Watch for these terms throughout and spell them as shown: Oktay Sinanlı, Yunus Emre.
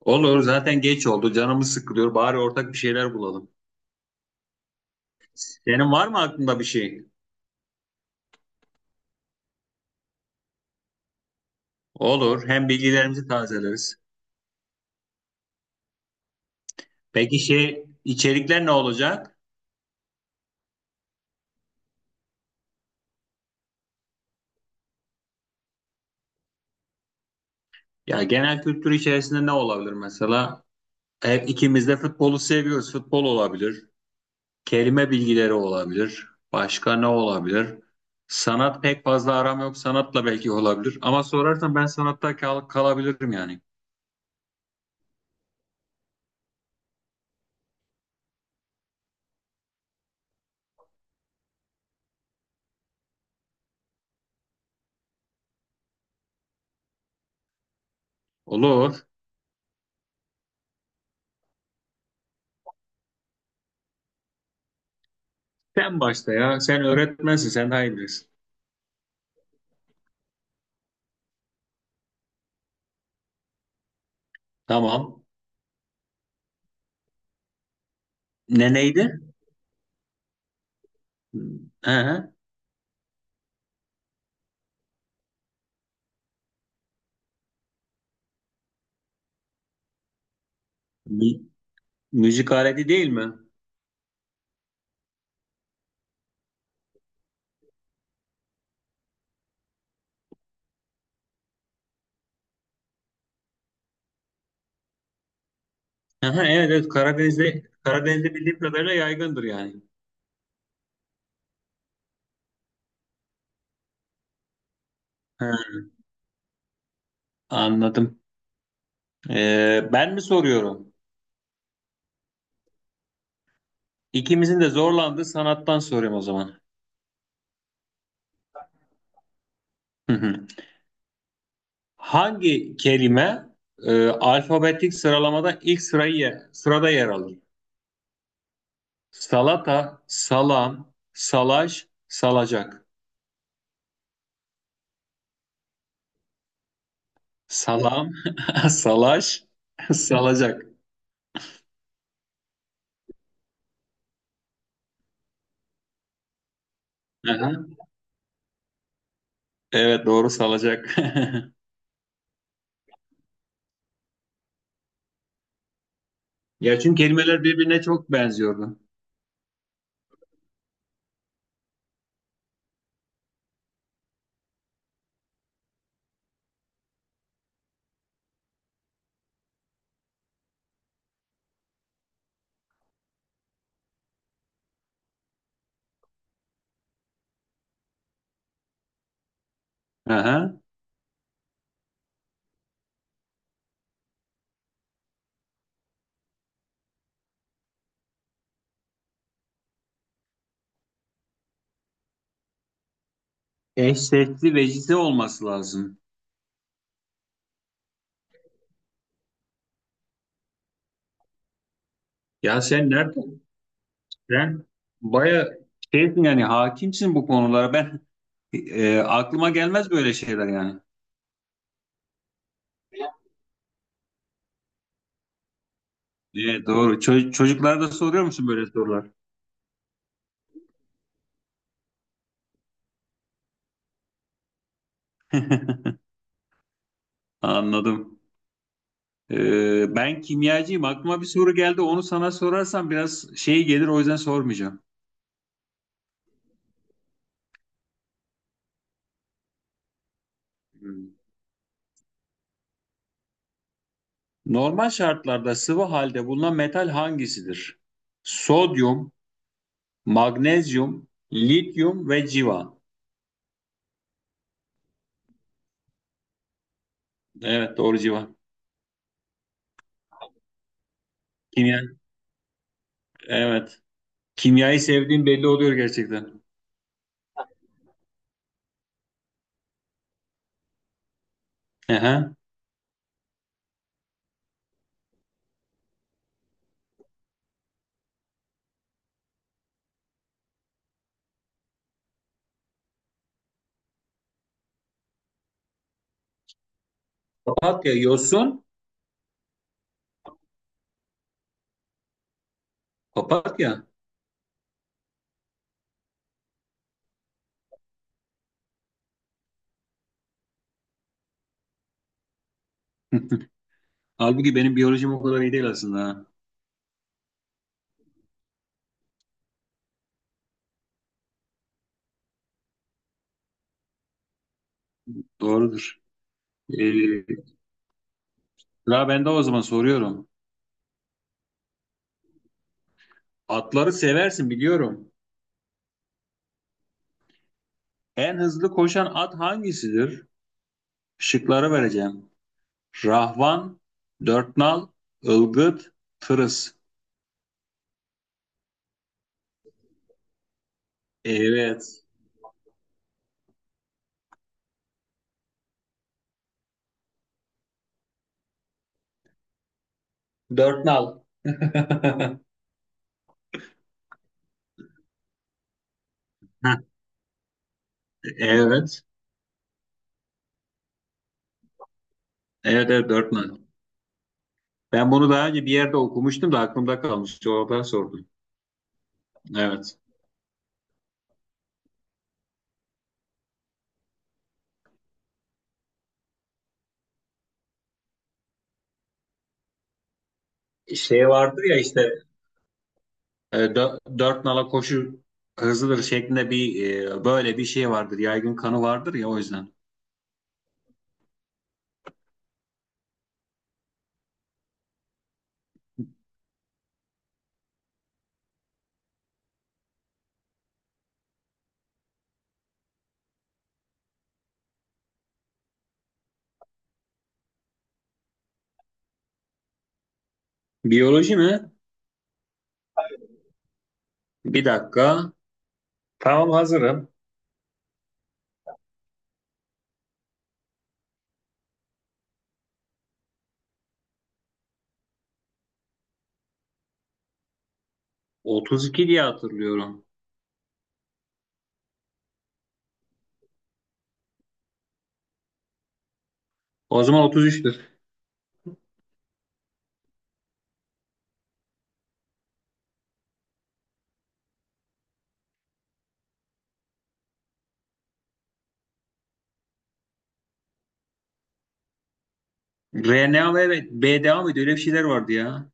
Olur zaten geç oldu canımız sıkılıyor bari ortak bir şeyler bulalım. Senin var mı aklında bir şey? Olur hem bilgilerimizi tazeleriz. Peki şey içerikler ne olacak? Ya genel kültür içerisinde ne olabilir mesela? Hep ikimiz de futbolu seviyoruz. Futbol olabilir. Kelime bilgileri olabilir. Başka ne olabilir? Sanat pek fazla aram yok. Sanatla belki olabilir. Ama sorarsan ben sanatta kalabilirim yani. Olur. Sen başla ya. Sen öğretmensin. Sen daha iyi bilirsin. Tamam. Ne neydi? Aha, mü- müzik aleti değil mi? Aha, evet, evet, Karadeniz'de bildiğim kadarıyla yaygındır yani. Ha, anladım. Ben mi soruyorum? İkimizin de zorlandığı sanattan soruyorum o zaman. Hı hı. Hangi kelime alfabetik sıralamada ilk sırada yer alır? Salata, salam, salaş, salacak. Salam, salaş, salacak. Aha. Evet doğru, salacak. Ya çünkü kelimeler birbirine çok benziyordu. Aha. Eş sesli vecize olması lazım. Ya sen nereden? Sen baya şeysin yani, hakimsin bu konulara. Ben aklıma gelmez böyle şeyler yani. Evet, doğru. Çocuklara da soruyor musun böyle sorular? Anladım. Ben kimyacıyım. Aklıma bir soru geldi. Onu sana sorarsam biraz şey gelir. O yüzden sormayacağım. Hmm. Normal şartlarda sıvı halde bulunan metal hangisidir? Sodyum, magnezyum, lityum ve civa. Evet doğru, civa. Kimya, evet. Kimyayı sevdiğim belli oluyor gerçekten. Aha. Papatya, yosun, papatya. Halbuki benim biyolojim o kadar iyi değil aslında. Ha. Doğrudur. Ee, sıra ben de o zaman soruyorum. Atları seversin biliyorum. En hızlı koşan at hangisidir? Şıkları vereceğim. Rahvan, dörtnal, Ilgıt, tırıs. Evet. Dörtnal. Evet. Evet evet, Birdman. Ben bunu daha önce bir yerde okumuştum da aklımda kalmış. Oradan sordum. Evet. Şey vardır ya işte, dört nala koşu hızlıdır şeklinde bir, böyle bir şey vardır. Yaygın kanı vardır ya, o yüzden. Biyoloji mi? Bir dakika. Tamam, hazırım. 32 diye hatırlıyorum. O zaman 33'tür. RNA ve BDA mıydı? Öyle bir şeyler vardı ya.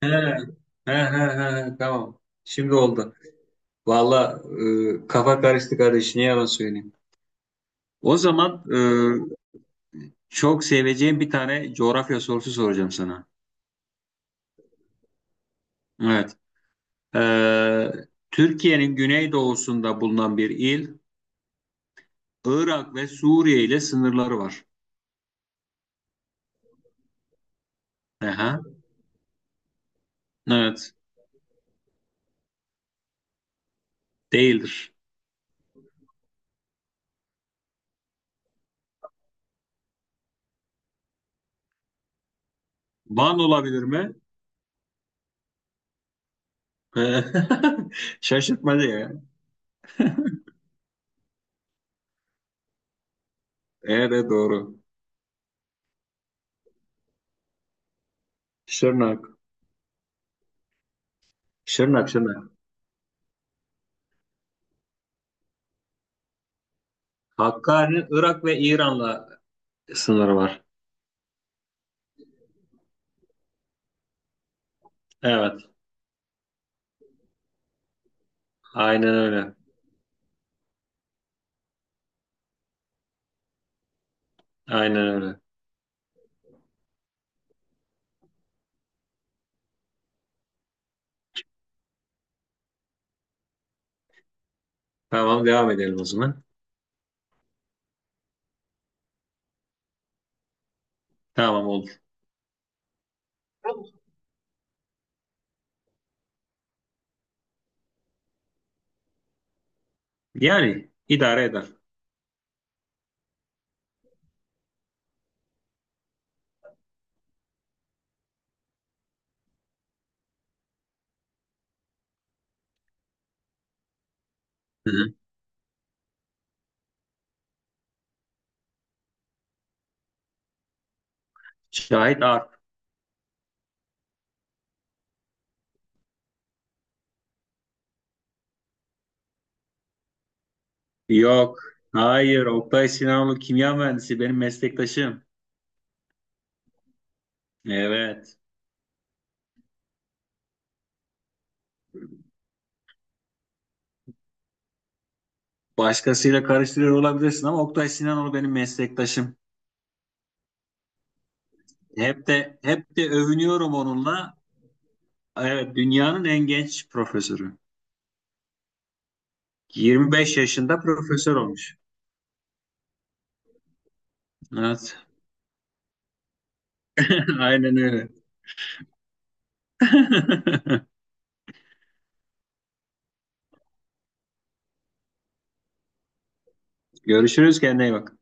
He, he, he, he, he, tamam. Şimdi oldu. Valla kafa karıştı kardeş. Ne yalan söyleyeyim. O zaman çok seveceğim bir tane coğrafya sorusu soracağım sana. Evet. E, Türkiye'nin güneydoğusunda bulunan bir il, Irak ve Suriye ile sınırları var. Aha. Evet. Değildir. Van olabilir mi? Şaşırtmadı ya. Evet doğru. Şırnak. Şırnak, Şırnak. Hakkari'nin Irak ve İran'la sınırı var. Evet. Aynen öyle. Aynen öyle. Tamam, devam edelim o zaman. Tamam olur. Yani idare eder. Hı hı. Şahit Arp. Yok. Hayır. Oktay Sinanlı kimya mühendisi, benim meslektaşım. Evet. Başkasıyla karıştırıyor olabilirsin ama Oktay Sinanlı benim meslektaşım. Hep de övünüyorum onunla. Evet, dünyanın en genç profesörü. 25 yaşında profesör olmuş. Evet. Aynen öyle. Görüşürüz, kendine iyi bak.